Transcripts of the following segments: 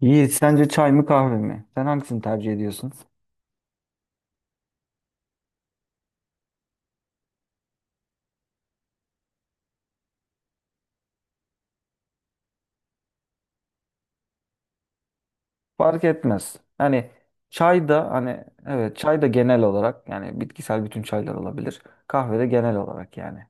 Yiğit sence çay mı kahve mi? Sen hangisini tercih ediyorsun? Fark etmez. Hani çay da hani evet çay da genel olarak yani bitkisel bütün çaylar olabilir. Kahve de genel olarak yani.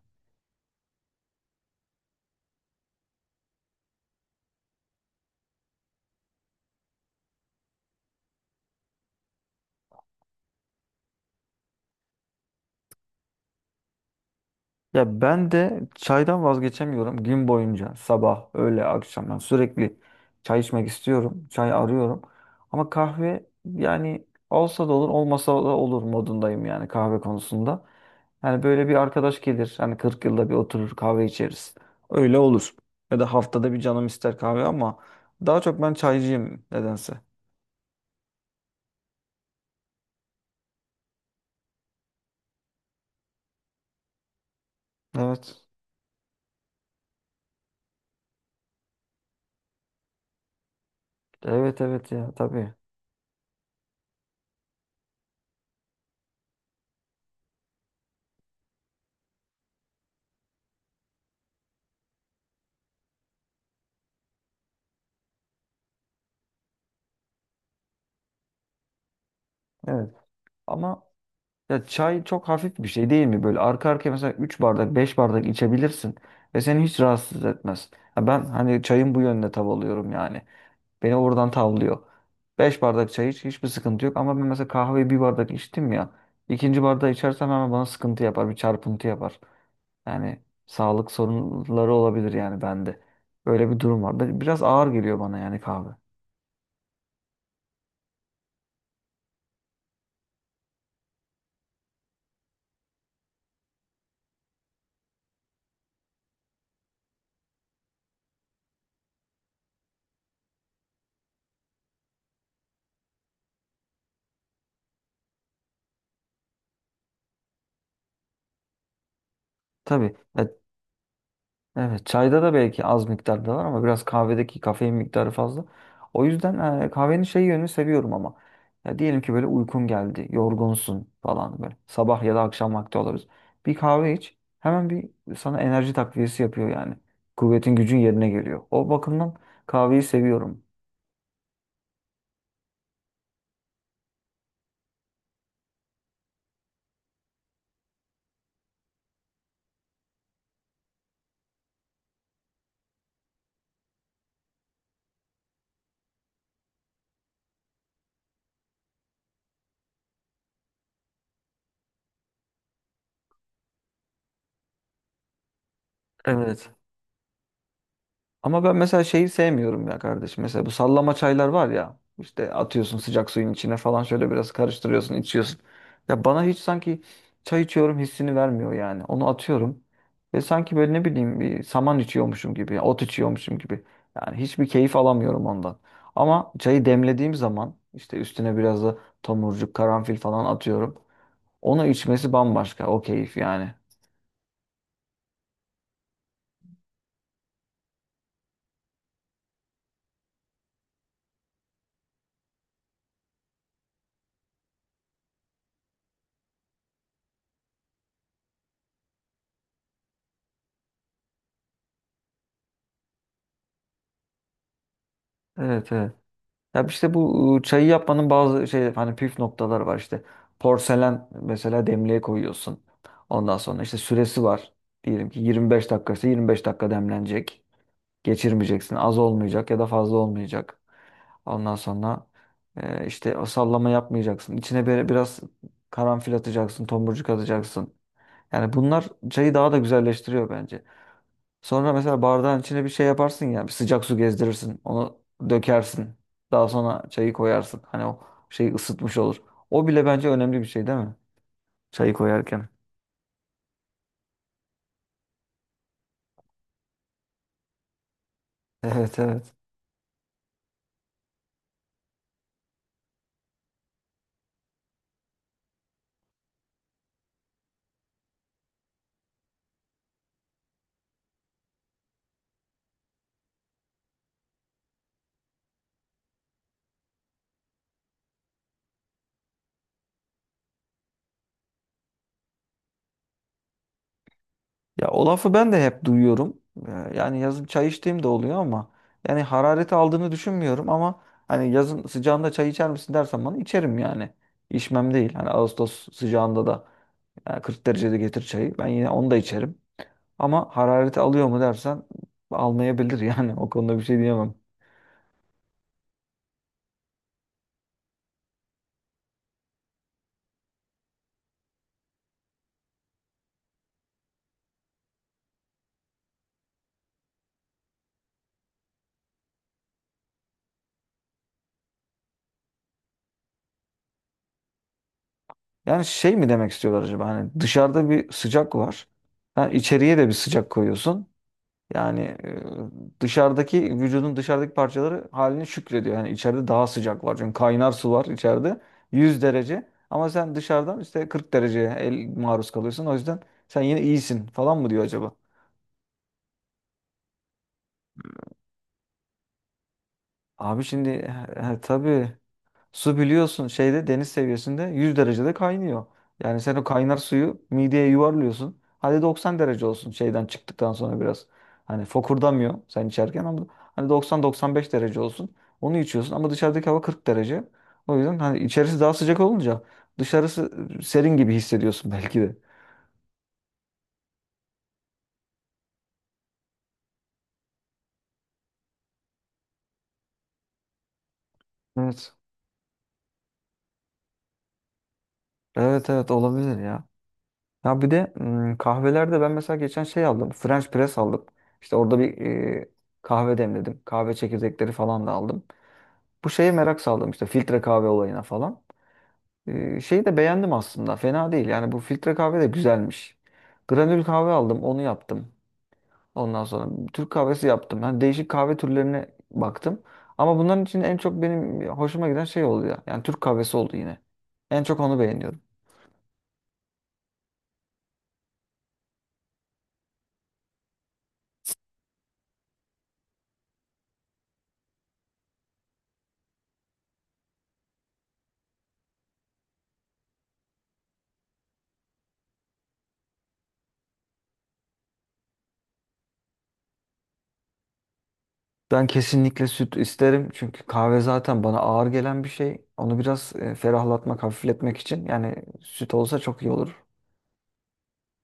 Ya ben de çaydan vazgeçemiyorum gün boyunca sabah, öğle, akşam yani sürekli çay içmek istiyorum. Çay arıyorum. Ama kahve yani olsa da olur, olmasa da olur modundayım yani kahve konusunda. Yani böyle bir arkadaş gelir hani 40 yılda bir oturur kahve içeriz. Öyle olur. Ya da haftada bir canım ister kahve ama daha çok ben çaycıyım nedense. Evet. Evet evet ya tabii. Evet. Ama ya çay çok hafif bir şey değil mi? Böyle arka arkaya mesela 3 bardak 5 bardak içebilirsin ve seni hiç rahatsız etmez. Ya ben hani çayın bu yönüne tav alıyorum yani. Beni oradan tavlıyor. 5 bardak çay iç hiçbir sıkıntı yok ama ben mesela kahveyi bir bardak içtim ya. İkinci bardağı içersem hemen bana sıkıntı yapar bir çarpıntı yapar. Yani sağlık sorunları olabilir yani bende. Böyle bir durum var. Biraz ağır geliyor bana yani kahve. Tabii. Ya evet, çayda da belki az miktarda var ama biraz kahvedeki kafein miktarı fazla. O yüzden kahvenin şey yönünü seviyorum ama. Ya diyelim ki böyle uykun geldi, yorgunsun falan böyle. Sabah ya da akşam vakti olabilir. Bir kahve iç, hemen bir sana enerji takviyesi yapıyor yani. Kuvvetin gücün yerine geliyor. O bakımdan kahveyi seviyorum. Evet. Ama ben mesela şeyi sevmiyorum ya kardeşim. Mesela bu sallama çaylar var ya. İşte atıyorsun sıcak suyun içine falan şöyle biraz karıştırıyorsun, içiyorsun. Ya bana hiç sanki çay içiyorum hissini vermiyor yani. Onu atıyorum ve sanki böyle ne bileyim bir saman içiyormuşum gibi, ot içiyormuşum gibi. Yani hiçbir keyif alamıyorum ondan. Ama çayı demlediğim zaman işte üstüne biraz da tomurcuk, karanfil falan atıyorum. Onu içmesi bambaşka. O keyif yani. Evet evet. Ya işte bu çayı yapmanın bazı şey hani püf noktaları var işte. Porselen mesela demliğe koyuyorsun. Ondan sonra işte süresi var. Diyelim ki 25 dakikası 25 dakika demlenecek. Geçirmeyeceksin. Az olmayacak ya da fazla olmayacak. Ondan sonra işte o sallama yapmayacaksın. İçine böyle biraz karanfil atacaksın, tomurcuk atacaksın. Yani bunlar çayı daha da güzelleştiriyor bence. Sonra mesela bardağın içine bir şey yaparsın ya, bir sıcak su gezdirirsin, onu dökersin. Daha sonra çayı koyarsın. Hani o şeyi ısıtmış olur. O bile bence önemli bir şey değil mi? Çayı koyarken. Evet evet. Ya o lafı ben de hep duyuyorum. Yani yazın çay içtiğim de oluyor ama yani harareti aldığını düşünmüyorum ama hani yazın sıcağında çay içer misin dersen bana içerim yani. İçmem değil. Hani Ağustos sıcağında da yani 40 derecede getir çayı. Ben yine onu da içerim. Ama harareti alıyor mu dersen almayabilir yani o konuda bir şey diyemem. Yani şey mi demek istiyorlar acaba hani dışarıda bir sıcak var. Yani içeriye de bir sıcak koyuyorsun. Yani dışarıdaki vücudun dışarıdaki parçaları haline şükrediyor. Yani içeride daha sıcak var. Çünkü kaynar su var içeride. Yüz derece. Ama sen dışarıdan işte 40 dereceye el maruz kalıyorsun. O yüzden sen yine iyisin falan mı diyor acaba? Abi şimdi tabii su biliyorsun şeyde deniz seviyesinde 100 derecede kaynıyor. Yani sen o kaynar suyu mideye yuvarlıyorsun. Hadi 90 derece olsun şeyden çıktıktan sonra biraz. Hani fokurdamıyor sen içerken ama hani 90-95 derece olsun. Onu içiyorsun ama dışarıdaki hava 40 derece. O yüzden hani içerisi daha sıcak olunca dışarısı serin gibi hissediyorsun belki de. Evet. Evet evet olabilir ya. Ya bir de kahvelerde ben mesela geçen şey aldım. French press aldım. İşte orada bir e, kahve demledim. Kahve çekirdekleri falan da aldım. Bu şeye merak saldım işte filtre kahve olayına falan. E, şeyi de beğendim aslında. Fena değil. Yani bu filtre kahve de güzelmiş. Granül kahve aldım. Onu yaptım. Ondan sonra Türk kahvesi yaptım. Yani değişik kahve türlerine baktım. Ama bunların için en çok benim hoşuma giden şey oldu ya. Yani Türk kahvesi oldu yine. En çok onu beğeniyorum. Ben kesinlikle süt isterim çünkü kahve zaten bana ağır gelen bir şey. Onu biraz ferahlatmak, hafifletmek için yani süt olsa çok iyi olur.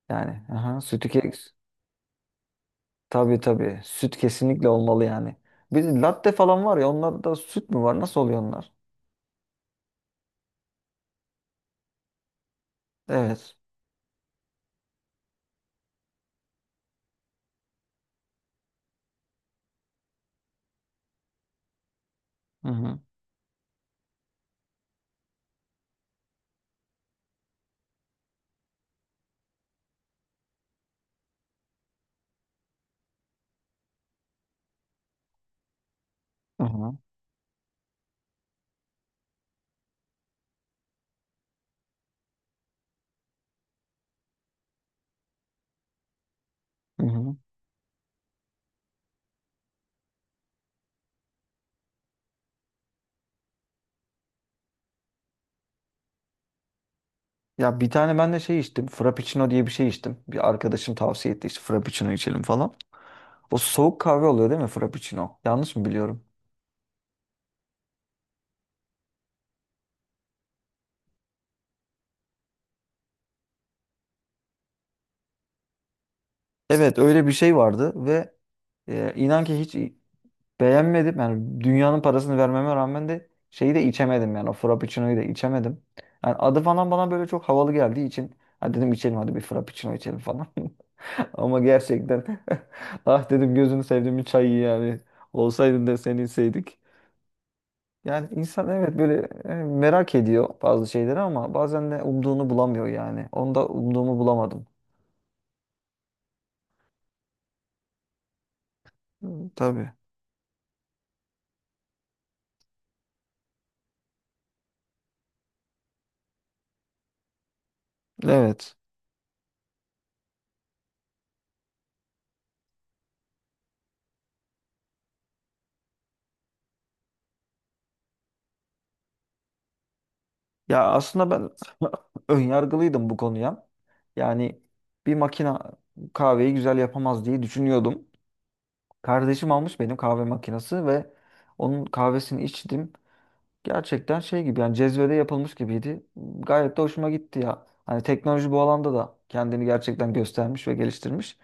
Yani aha, sütü ke tabii tabii süt kesinlikle olmalı yani. Bir de latte falan var ya onlarda süt mü var? Nasıl oluyor onlar? Evet. Hı hı. Hı hı. Hı hı. Ya bir tane ben de şey içtim. Frappuccino diye bir şey içtim. Bir arkadaşım tavsiye etti işte Frappuccino içelim falan. O soğuk kahve oluyor değil mi Frappuccino? Yanlış mı biliyorum? Evet öyle bir şey vardı ve inan ki hiç beğenmedim. Yani dünyanın parasını vermeme rağmen de şeyi de içemedim yani o frappuccino'yu da içemedim. Yani adı falan bana böyle çok havalı geldiği için ha dedim içelim hadi bir frappuccino içelim falan. Ama gerçekten ah dedim gözünü sevdiğim bir çayı yani olsaydın da seni içseydik. Yani insan evet böyle merak ediyor bazı şeyleri ama bazen de umduğunu bulamıyor yani. Onda umduğumu bulamadım. Hı, tabii. Evet. Ya aslında ben önyargılıydım bu konuya. Yani bir makina kahveyi güzel yapamaz diye düşünüyordum. Kardeşim almış benim kahve makinesi ve onun kahvesini içtim. Gerçekten şey gibi yani cezvede yapılmış gibiydi. Gayet de hoşuma gitti ya. Hani teknoloji bu alanda da kendini gerçekten göstermiş ve geliştirmiş.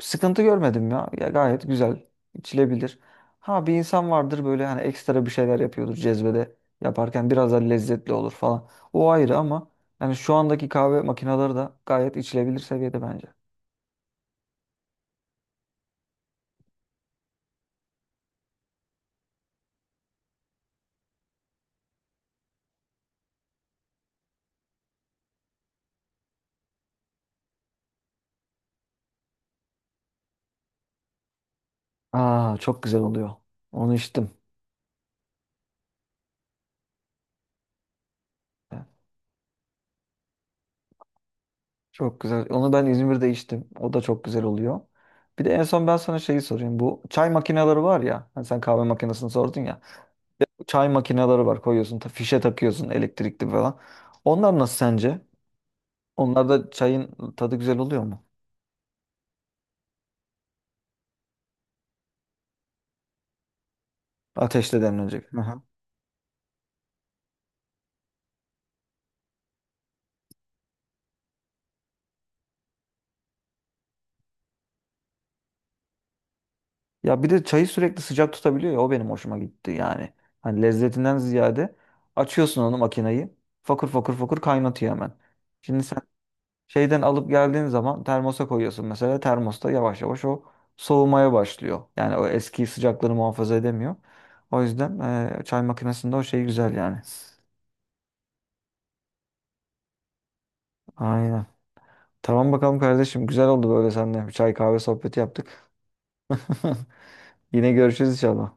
Sıkıntı görmedim ya. Ya gayet güzel, içilebilir. Ha bir insan vardır böyle hani ekstra bir şeyler yapıyordur cezvede yaparken biraz daha lezzetli olur falan. O ayrı ama yani şu andaki kahve makineleri de gayet içilebilir seviyede bence. Aa çok güzel oluyor. Onu içtim. Ee, Çok güzel. Onu ben İzmir'de içtim. O da çok güzel oluyor. Bir de en son ben sana şeyi sorayım. Bu çay makineleri var ya. Hani sen kahve makinesini sordun ya. Bu çay makineleri var. Koyuyorsun, fişe takıyorsun elektrikli falan. Onlar nasıl sence? Onlar da çayın tadı güzel oluyor mu? Ateşle demlenecek. Aha. Ya bir de çayı sürekli sıcak tutabiliyor ya. O benim hoşuma gitti yani. Hani lezzetinden ziyade açıyorsun onu makineyi. Fokur fokur fokur kaynatıyor hemen. Şimdi şeyden alıp geldiğin zaman termosa koyuyorsun mesela. Termosta yavaş yavaş o soğumaya başlıyor. Yani o eski sıcaklığını muhafaza edemiyor. O yüzden çay makinesinde o şey güzel yani. Aynen. Tamam bakalım kardeşim. Güzel oldu böyle seninle. Bir çay kahve sohbeti yaptık. Yine görüşürüz inşallah.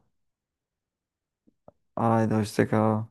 Haydi hoşça kal.